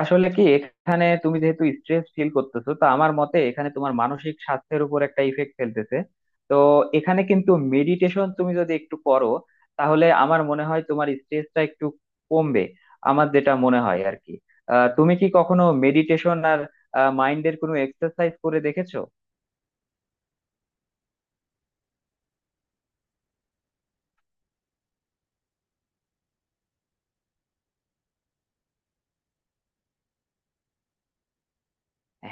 আসলে কি, এখানে তুমি যেহেতু স্ট্রেস ফিল করতেছো, তো আমার মতে এখানে তোমার মানসিক স্বাস্থ্যের উপর একটা ইফেক্ট ফেলতেছে। তো এখানে কিন্তু মেডিটেশন তুমি যদি একটু করো, তাহলে আমার মনে হয় তোমার স্ট্রেসটা একটু কমবে। আমার যেটা মনে হয় আর কি, তুমি কি কখনো মেডিটেশন আর মাইন্ডের কোনো এক্সারসাইজ করে দেখেছো?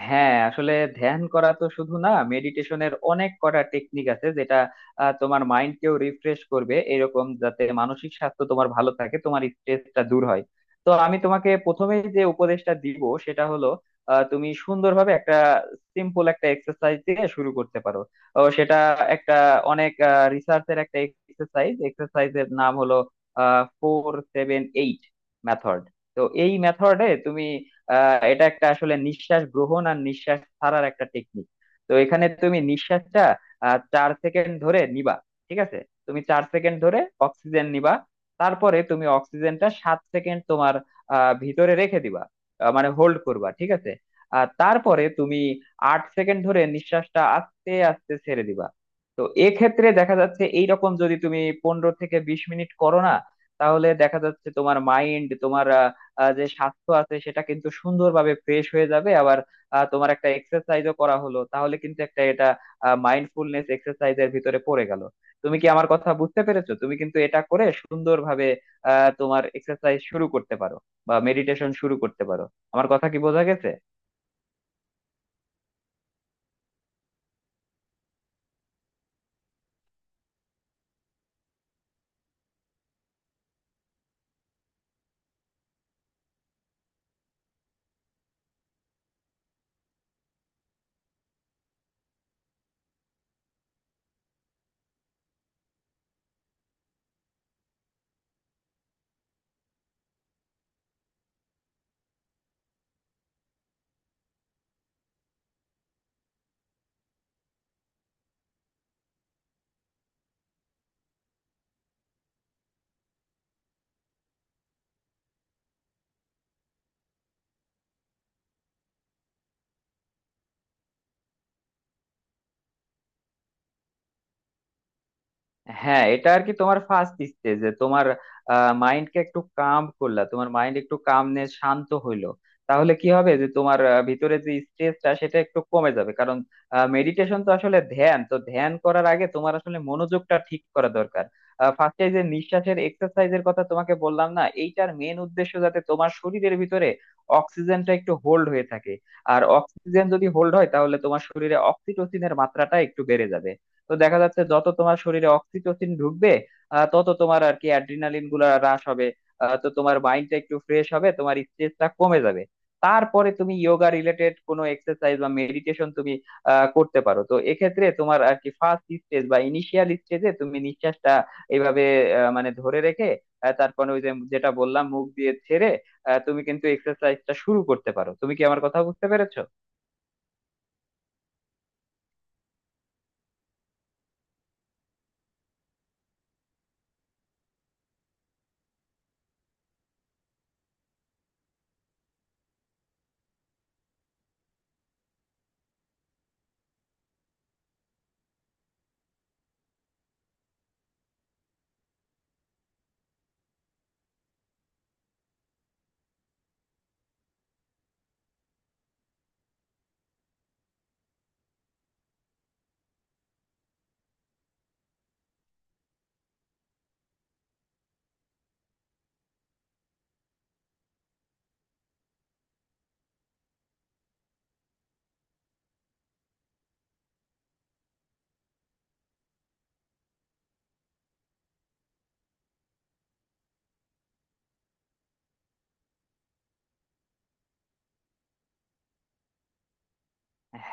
হ্যাঁ, আসলে ধ্যান করা তো শুধু না, মেডিটেশনের অনেক কটা টেকনিক আছে যেটা তোমার মাইন্ডকেও রিফ্রেশ করবে এরকম, যাতে মানসিক স্বাস্থ্য তোমার ভালো থাকে, তোমার স্ট্রেসটা দূর হয়। তো আমি তোমাকে প্রথমেই যে উপদেশটা দিব সেটা হলো, তুমি সুন্দরভাবে একটা সিম্পল একটা এক্সারসাইজ দিয়ে শুরু করতে পারো। ও, সেটা একটা অনেক রিসার্চের একটা এক্সারসাইজ। এক্সারসাইজের নাম হলো ফোর সেভেন এইট মেথড। তো এই মেথডে তুমি, এটা একটা আসলে নিঃশ্বাস গ্রহণ আর নিঃশ্বাস ছাড়ার একটা টেকনিক। তো এখানে তুমি নিঃশ্বাসটা 4 সেকেন্ড ধরে নিবা, ঠিক আছে? তুমি 4 সেকেন্ড ধরে অক্সিজেন নিবা। তারপরে তুমি অক্সিজেনটা 7 সেকেন্ড তোমার ভিতরে রেখে দিবা। মানে হোল্ড করবা, ঠিক আছে। আর তারপরে তুমি 8 সেকেন্ড ধরে নিঃশ্বাসটা আস্তে আস্তে ছেড়ে দিবা। তো এক্ষেত্রে দেখা যাচ্ছে, এইরকম যদি তুমি 15 থেকে 20 মিনিট করো না, তাহলে দেখা যাচ্ছে তোমার মাইন্ড, তোমার যে স্বাস্থ্য আছে সেটা কিন্তু সুন্দরভাবে ফ্রেশ হয়ে যাবে। আবার তোমার একটা এক্সারসাইজও করা হলো, তাহলে কিন্তু একটা, এটা মাইন্ডফুলনেস এক্সারসাইজের ভিতরে পড়ে গেল। তুমি কি আমার কথা বুঝতে পেরেছো? তুমি কিন্তু এটা করে সুন্দরভাবে তোমার এক্সারসাইজ শুরু করতে পারো বা মেডিটেশন শুরু করতে পারো। আমার কথা কি বোঝা গেছে? হ্যাঁ, এটা আর কি তোমার ফার্স্ট স্টেজ, যে তোমার মাইন্ডকে একটু কাম করলা, তোমার মাইন্ড একটু কামনেস, শান্ত হইলো। তাহলে কি হবে, যে তোমার ভিতরে যে স্ট্রেসটা সেটা একটু কমে যাবে। কারণ মেডিটেশন তো আসলে ধ্যান, তো ধ্যান করার আগে তোমার আসলে মনোযোগটা ঠিক করা দরকার। ফার্স্টে যে নিঃশ্বাসের এক্সারসাইজের কথা তোমাকে বললাম না, এইটার মেন উদ্দেশ্য যাতে তোমার শরীরের ভিতরে অক্সিজেনটা একটু হোল্ড হয়ে থাকে। আর অক্সিজেন যদি হোল্ড হয়, তাহলে তোমার শরীরে অক্সিটোসিনের মাত্রাটা একটু বেড়ে যাবে। তো দেখা যাচ্ছে, যত তোমার শরীরে অক্সিটোসিন ঢুকবে, তত তোমার আর কি অ্যাড্রিনালিন গুলা হ্রাস হবে। তো তোমার মাইন্ডটা একটু ফ্রেশ হবে, তোমার স্ট্রেসটা কমে যাবে। তারপরে তুমি যোগা রিলেটেড কোনো এক্সারসাইজ বা মেডিটেশন তুমি করতে পারো। তো এক্ষেত্রে তোমার আর কি ফার্স্ট স্টেজ বা ইনিশিয়াল স্টেজে, তুমি নিঃশ্বাসটা এইভাবে মানে ধরে রেখে, তারপরে ওই যে যেটা বললাম, মুখ দিয়ে ছেড়ে, তুমি কিন্তু এক্সারসাইজটা শুরু করতে পারো। তুমি কি আমার কথা বুঝতে পেরেছো?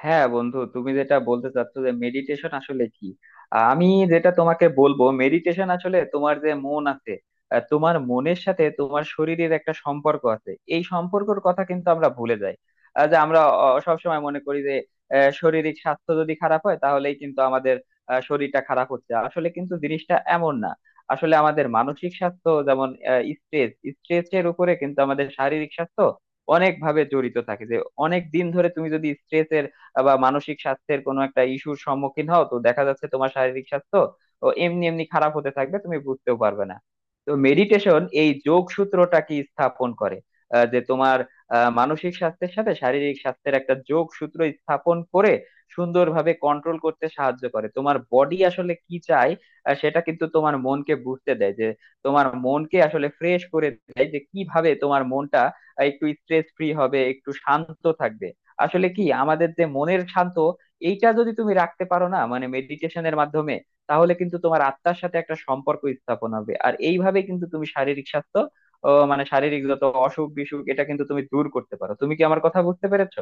হ্যাঁ বন্ধু, তুমি যেটা বলতে চাচ্ছ যে মেডিটেশন আসলে কি, আমি যেটা তোমাকে বলবো, মেডিটেশন আসলে তোমার যে মন আছে, তোমার মনের সাথে তোমার শরীরের একটা সম্পর্ক আছে। এই সম্পর্কের কথা কিন্তু আমরা ভুলে যাই। যে আমরা সব সময় মনে করি যে শারীরিক স্বাস্থ্য যদি খারাপ হয় তাহলেই কিন্তু আমাদের শরীরটা খারাপ হচ্ছে। আসলে কিন্তু জিনিসটা এমন না। আসলে আমাদের মানসিক স্বাস্থ্য যেমন স্ট্রেস, স্ট্রেসের উপরে কিন্তু আমাদের শারীরিক স্বাস্থ্য অনেক ভাবে জড়িত থাকে, যে অনেক দিন ধরে তুমি যদি স্ট্রেসের বা মানসিক স্বাস্থ্যের কোনো একটা ইস্যুর সম্মুখীন হও, তো দেখা যাচ্ছে তোমার শারীরিক স্বাস্থ্য ও এমনি এমনি খারাপ হতে থাকবে, তুমি বুঝতেও পারবে না। তো মেডিটেশন এই যোগসূত্রটা কি স্থাপন করে, যে তোমার মানসিক স্বাস্থ্যের সাথে শারীরিক স্বাস্থ্যের একটা যোগসূত্র স্থাপন করে, সুন্দরভাবে কন্ট্রোল করতে সাহায্য করে। তোমার বডি আসলে কি চায়, সেটা কিন্তু তোমার মনকে বুঝতে দেয়। যে তোমার মনকে আসলে ফ্রেশ করে দেয়, যে কিভাবে তোমার মনটা একটু স্ট্রেস ফ্রি হবে, একটু শান্ত থাকবে। আসলে কি, আমাদের যে মনের শান্ত, এইটা যদি তুমি রাখতে পারো না মানে মেডিটেশনের মাধ্যমে, তাহলে কিন্তু তোমার আত্মার সাথে একটা সম্পর্ক স্থাপন হবে। আর এইভাবে কিন্তু তুমি শারীরিক স্বাস্থ্য ও মানে শারীরিক যত অসুখ বিসুখ, এটা কিন্তু তুমি দূর করতে পারো। তুমি কি আমার কথা বুঝতে পেরেছো?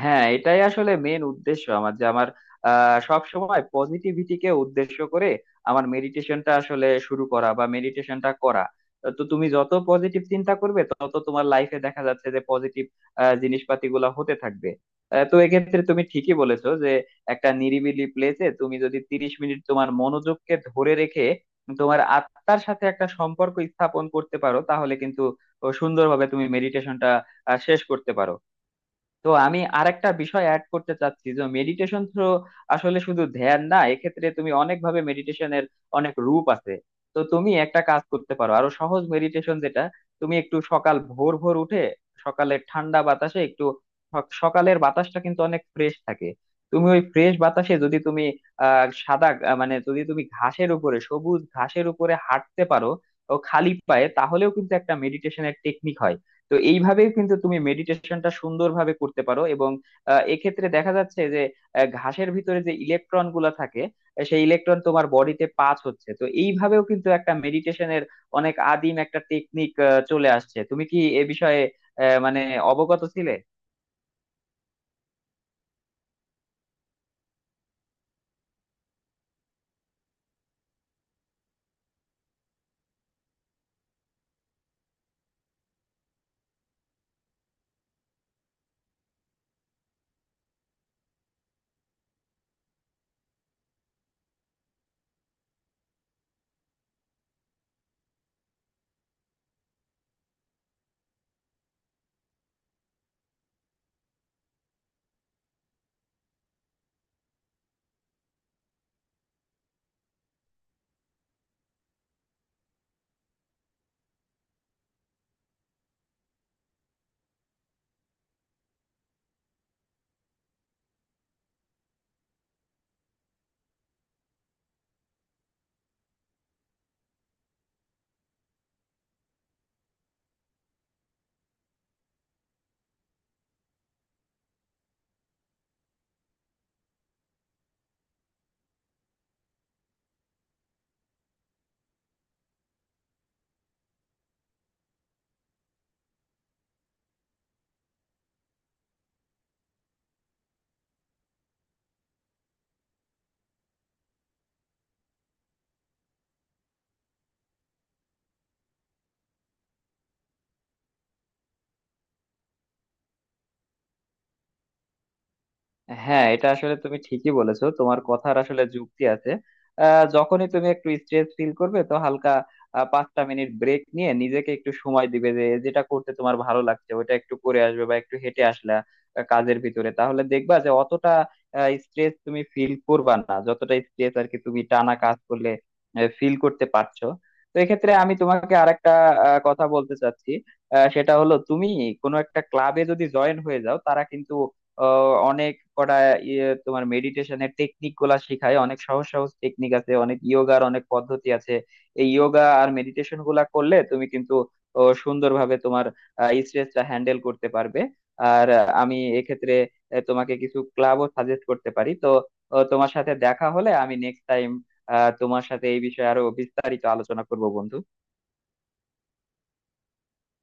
হ্যাঁ, এটাই আসলে মেন উদ্দেশ্য আমার, যে আমার সব সময় পজিটিভিটিকে উদ্দেশ্য করে আমার মেডিটেশনটা আসলে শুরু করা বা মেডিটেশনটা করা। তো তুমি যত পজিটিভ চিন্তা করবে, তত তোমার লাইফে দেখা যাচ্ছে যে পজিটিভ জিনিসপাতি গুলা হতে থাকবে। তো এক্ষেত্রে তুমি ঠিকই বলেছো, যে একটা নিরিবিলি প্লেসে তুমি যদি 30 মিনিট তোমার মনোযোগকে ধরে রেখে তোমার আত্মার সাথে একটা সম্পর্ক স্থাপন করতে পারো, তাহলে কিন্তু সুন্দরভাবে তুমি মেডিটেশনটা শেষ করতে পারো। তো আমি আরেকটা বিষয় অ্যাড করতে চাচ্ছি, যে মেডিটেশন তো আসলে শুধু ধ্যান না, এক্ষেত্রে তুমি অনেক ভাবে মেডিটেশনের অনেক রূপ আছে। তো তুমি একটা কাজ করতে পারো, আরো সহজ মেডিটেশন যেটা, তুমি একটু সকাল ভোর ভোর উঠে সকালের ঠান্ডা বাতাসে একটু, সকালের বাতাসটা কিন্তু অনেক ফ্রেশ থাকে। তুমি ওই ফ্রেশ বাতাসে যদি তুমি মানে যদি তুমি ঘাসের উপরে, সবুজ ঘাসের উপরে হাঁটতে পারো ও খালি পায়ে, তাহলেও কিন্তু একটা মেডিটেশনের টেকনিক হয়। তো এইভাবে কিন্তু তুমি মেডিটেশনটা সুন্দরভাবে করতে পারো। এবং এক্ষেত্রে দেখা যাচ্ছে যে ঘাসের ভিতরে যে ইলেকট্রন গুলা থাকে, সেই ইলেকট্রন তোমার বডিতে পাস হচ্ছে। তো এইভাবেও কিন্তু একটা মেডিটেশনের অনেক আদিম একটা টেকনিক চলে আসছে। তুমি কি এ বিষয়ে মানে অবগত ছিলে? হ্যাঁ, এটা আসলে তুমি ঠিকই বলেছো, তোমার কথার আসলে যুক্তি আছে। যখনই তুমি একটু স্ট্রেস ফিল করবে, তো হালকা 5টা মিনিট ব্রেক নিয়ে নিজেকে একটু সময় দিবে, যে যেটা করতে তোমার ভালো লাগছে ওটা একটু করে আসবে বা একটু হেঁটে আসলা। কাজের ভিতরে, তাহলে দেখবা যে অতটা স্ট্রেস তুমি ফিল করবা না যতটা স্ট্রেস আর কি তুমি টানা কাজ করলে ফিল করতে পারছো। তো এক্ষেত্রে আমি তোমাকে আরেকটা কথা বলতে চাচ্ছি। সেটা হলো, তুমি কোনো একটা ক্লাবে যদি জয়েন হয়ে যাও, তারা কিন্তু অনেক কটা ইয়ে তোমার মেডিটেশনের টেকনিক গুলা শেখায়। অনেক সহজ সহজ টেকনিক আছে, অনেক ইয়োগার অনেক পদ্ধতি আছে। এই ইয়োগা আর মেডিটেশন গুলা করলে তুমি কিন্তু, ও, সুন্দরভাবে তোমার স্ট্রেসটা হ্যান্ডেল করতে পারবে। আর আমি এক্ষেত্রে তোমাকে কিছু ক্লাবও সাজেস্ট করতে পারি। তো তোমার সাথে দেখা হলে আমি নেক্সট টাইম তোমার সাথে এই বিষয়ে আরো বিস্তারিত আলোচনা করব বন্ধু।